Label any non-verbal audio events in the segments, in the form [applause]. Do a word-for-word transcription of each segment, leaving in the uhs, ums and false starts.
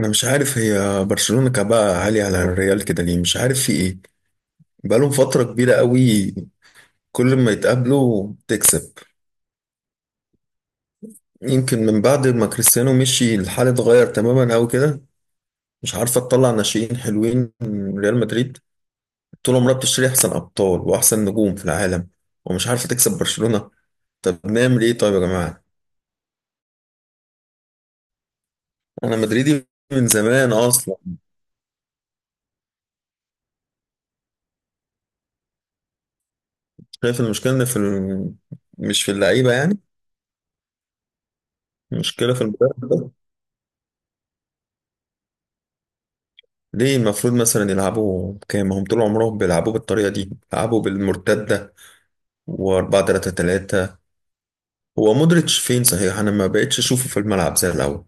انا مش عارف، هي برشلونة كعبها عالي على الريال كده ليه؟ مش عارف في ايه. بقالهم فترة كبيرة قوي. كل ما يتقابلوا تكسب. يمكن من بعد ما كريستيانو مشي الحال اتغير تماما قوي كده. مش عارفة تطلع ناشئين حلوين من ريال مدريد. طول عمرها بتشتري احسن ابطال واحسن نجوم في العالم ومش عارفة تكسب برشلونة. طب نعمل ايه طيب يا جماعة؟ انا مدريدي من زمان اصلا. شايف المشكلة إن في ال... مش في اللعيبة يعني. المشكلة في المدرب. ليه المفروض مثلا يلعبوا كام؟ ما هم طول عمرهم بيلعبوا بالطريقة دي، بيلعبوا بالمرتدة و4 ثلاثة ثلاثة. هو مودريتش فين صحيح؟ انا ما بقتش اشوفه في الملعب زي الاول.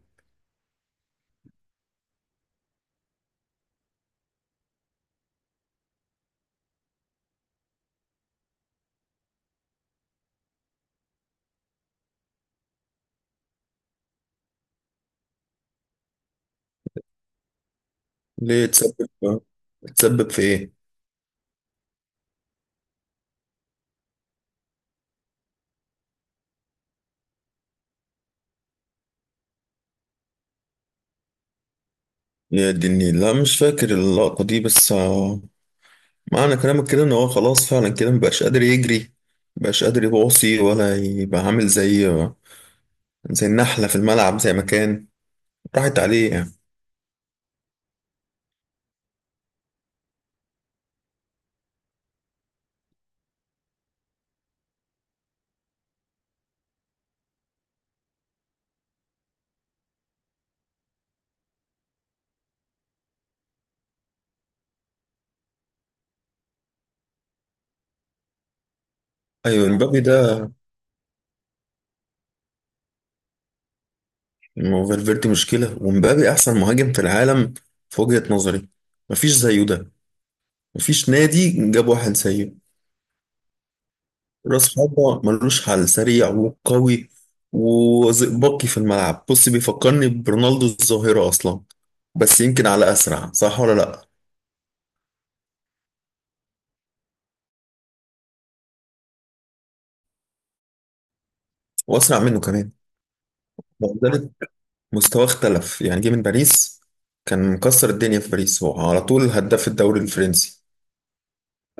ليه تسبب تسبب في ايه؟ يا دني لا مش فاكر اللقطة دي بس آه، معنى كلامك كده ان هو خلاص فعلا كده مبقاش قادر يجري، مبقاش قادر يباصي ولا يبقى عامل زي آه، زي النحلة في الملعب زي ما كان. راحت عليه يعني. ايوه امبابي ده، ما هو فالفيردي مشكلة ومبابي أحسن مهاجم في العالم في وجهة نظري. مفيش زيه ده. مفيش نادي جاب واحد زيه. راس حربة ملوش حل، سريع وقوي وزئبقي في الملعب. بص بيفكرني برونالدو الظاهرة أصلا. بس يمكن على أسرع صح ولا لأ. وأسرع منه كمان وذلك. مستواه اختلف يعني. جه من باريس كان مكسر الدنيا في باريس، هو على طول هداف الدوري الفرنسي.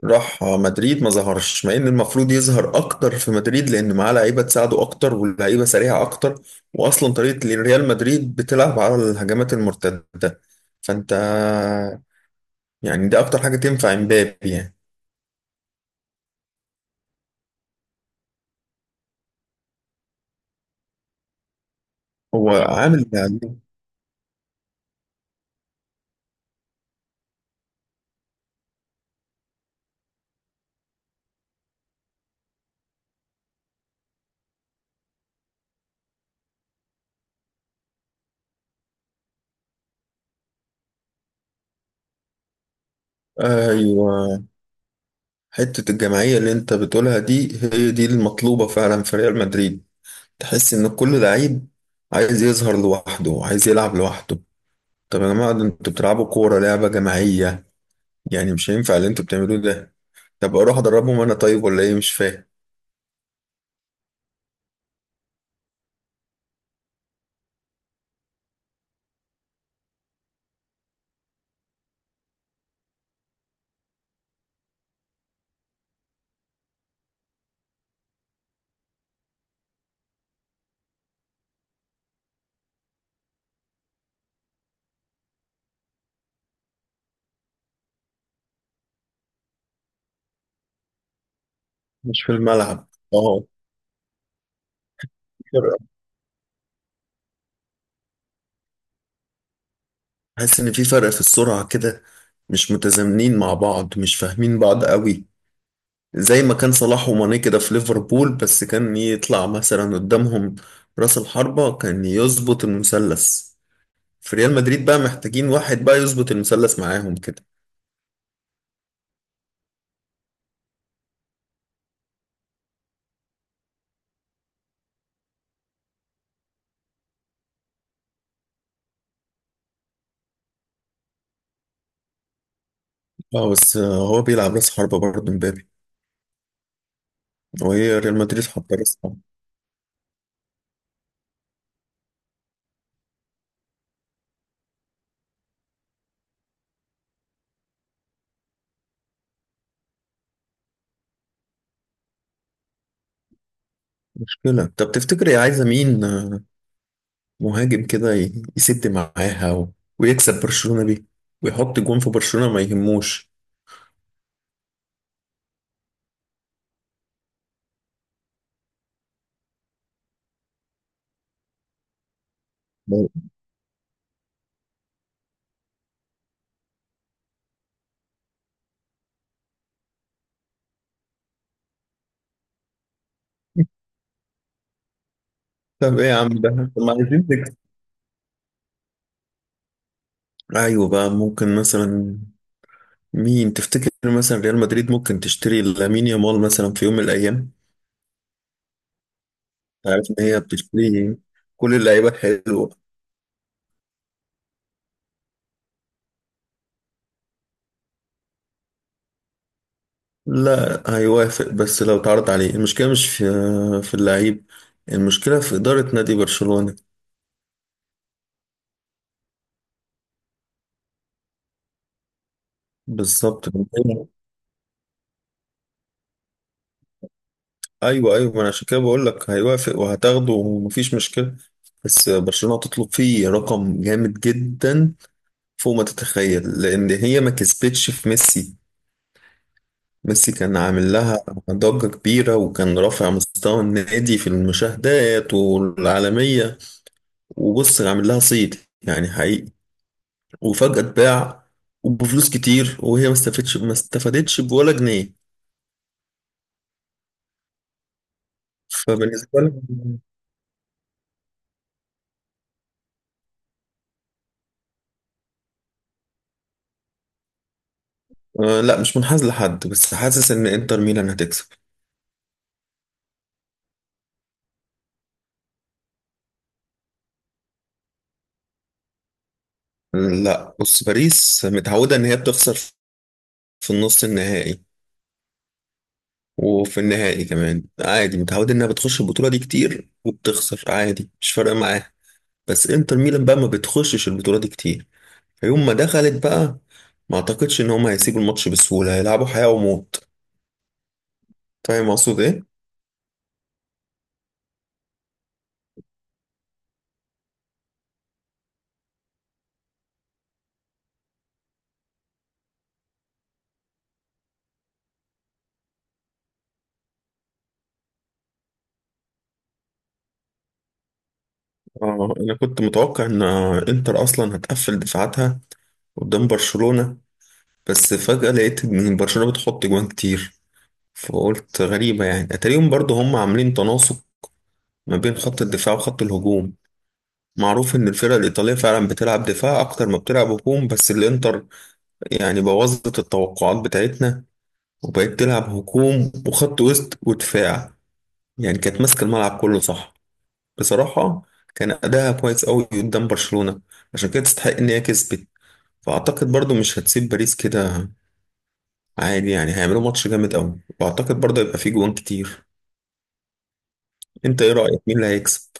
راح مدريد ما ظهرش، مع ان المفروض يظهر اكتر في مدريد لان معاه لعيبه تساعده اكتر واللعيبه سريعه اكتر. واصلا طريقه ريال مدريد بتلعب على الهجمات المرتده. فانت، يعني ده اكتر حاجه تنفع امبابي يعني. هو عامل اللي عليه. ايوه. حته الجماعيه اللي انت بتقولها دي هي دي المطلوبه فعلا في ريال مدريد. تحس ان كل لعيب عايز يظهر لوحده، عايز يلعب لوحده. طب يا جماعه ده انتوا بتلعبوا كوره، لعبه جماعيه. يعني مش هينفع اللي انتوا بتعملوه ده. طب اروح ادربهم انا طيب ولا ايه؟ مش فاهم. مش في الملعب. اه في فرق. حاسس ان في فرق في السرعة كده، مش متزامنين مع بعض، مش فاهمين بعض قوي. زي ما كان صلاح وماني كده في ليفربول، بس كان يطلع مثلا قدامهم راس الحربة كان يظبط المثلث. في ريال مدريد بقى محتاجين واحد بقى يظبط المثلث معاهم كده. اه بس هو بيلعب راس حربة برضه مبابي، وهي ريال مدريد حاطة راس حربة. مشكلة. طب تفتكر هي عايزة مين؟ مهاجم كده ي- يسد معاها و... ويكسب برشلونة بيه، ويحط جون في برشلونة ما يهموش. [laughs] طب ايه يا عم ده؟ طب ما عايزين نكسب. ايوه بقى، ممكن مثلا. مين تفتكر مثلا ريال مدريد ممكن تشتري لامين يامال مثلا في يوم من الايام؟ عارف ان هي بتشتري كل اللعيبه الحلوه. لا هيوافق بس لو اتعرض عليه. المشكله مش في في اللعيب، المشكله في اداره نادي برشلونه. بالظبط. ايوه ايوه، ما انا عشان كده بقول لك هيوافق وهتاخده ومفيش مشكله. بس برشلونه تطلب فيه رقم جامد جدا فوق ما تتخيل، لان هي ما كسبتش في ميسي. ميسي كان عامل لها ضجه كبيره، وكان رافع مستوى النادي في المشاهدات والعالميه. وبص عامل لها صيد يعني حقيقي، وفجاه اتباع وبفلوس كتير، وهي ما استفادتش ما استفادتش بولا جنيه. فبالنسبه لي، آه، لا مش منحاز لحد، بس حاسس ان انتر ميلان هتكسب. لا بص باريس متعودة إن هي بتخسر في النص النهائي، وفي النهائي كمان عادي. متعودة إنها بتخش البطولة دي كتير وبتخسر عادي، مش فارقة معاها. بس إنتر ميلان بقى ما بتخشش البطولة دي كتير، فيوم ما دخلت بقى ما أعتقدش إن هما هيسيبوا الماتش بسهولة، هيلعبوا حياة وموت. فاهم أقصد إيه؟ آه أنا كنت متوقع إن إنتر أصلا هتقفل دفاعاتها قدام برشلونة. بس فجأة لقيت إن برشلونة بتحط جوان كتير، فقلت غريبة يعني. أتاريهم برضو هم عاملين تناسق ما بين خط الدفاع وخط الهجوم. معروف ان الفرق الايطاليه فعلا بتلعب دفاع اكتر ما بتلعب هجوم، بس الانتر يعني بوظت التوقعات بتاعتنا، وبقت تلعب هجوم وخط وسط ودفاع. يعني كانت ماسكه الملعب كله صح، بصراحه. كان اداها كويس قوي قدام برشلونه، عشان كده تستحق ان هي كسبت. فاعتقد برضو مش هتسيب باريس كده عادي. يعني هيعملوا ماتش جامد قوي، واعتقد برضو هيبقى فيه جوان كتير. انت ايه رايك؟ مين اللي هيكسب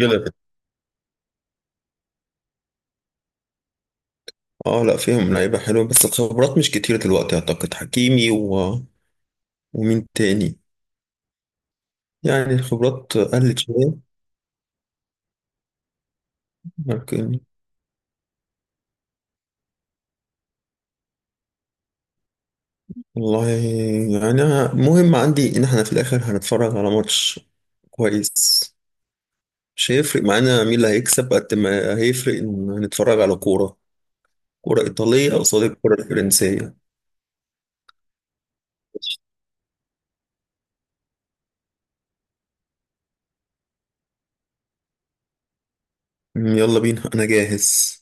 كده؟ اه لا، فيهم لعيبة حلوة بس الخبرات مش كتيرة دلوقتي. أعتقد حكيمي و... ومين تاني؟ يعني الخبرات قلت شوية لكن. والله يعني أنا- مهم عندي إن احنا في الآخر هنتفرج على ماتش كويس. مش هيفرق معانا مين اللي هيكسب قد ما هيفرق إن هنتفرج على كورة، كورة إيطالية قصاد الكورة الفرنسية. يلا بينا أنا جاهز.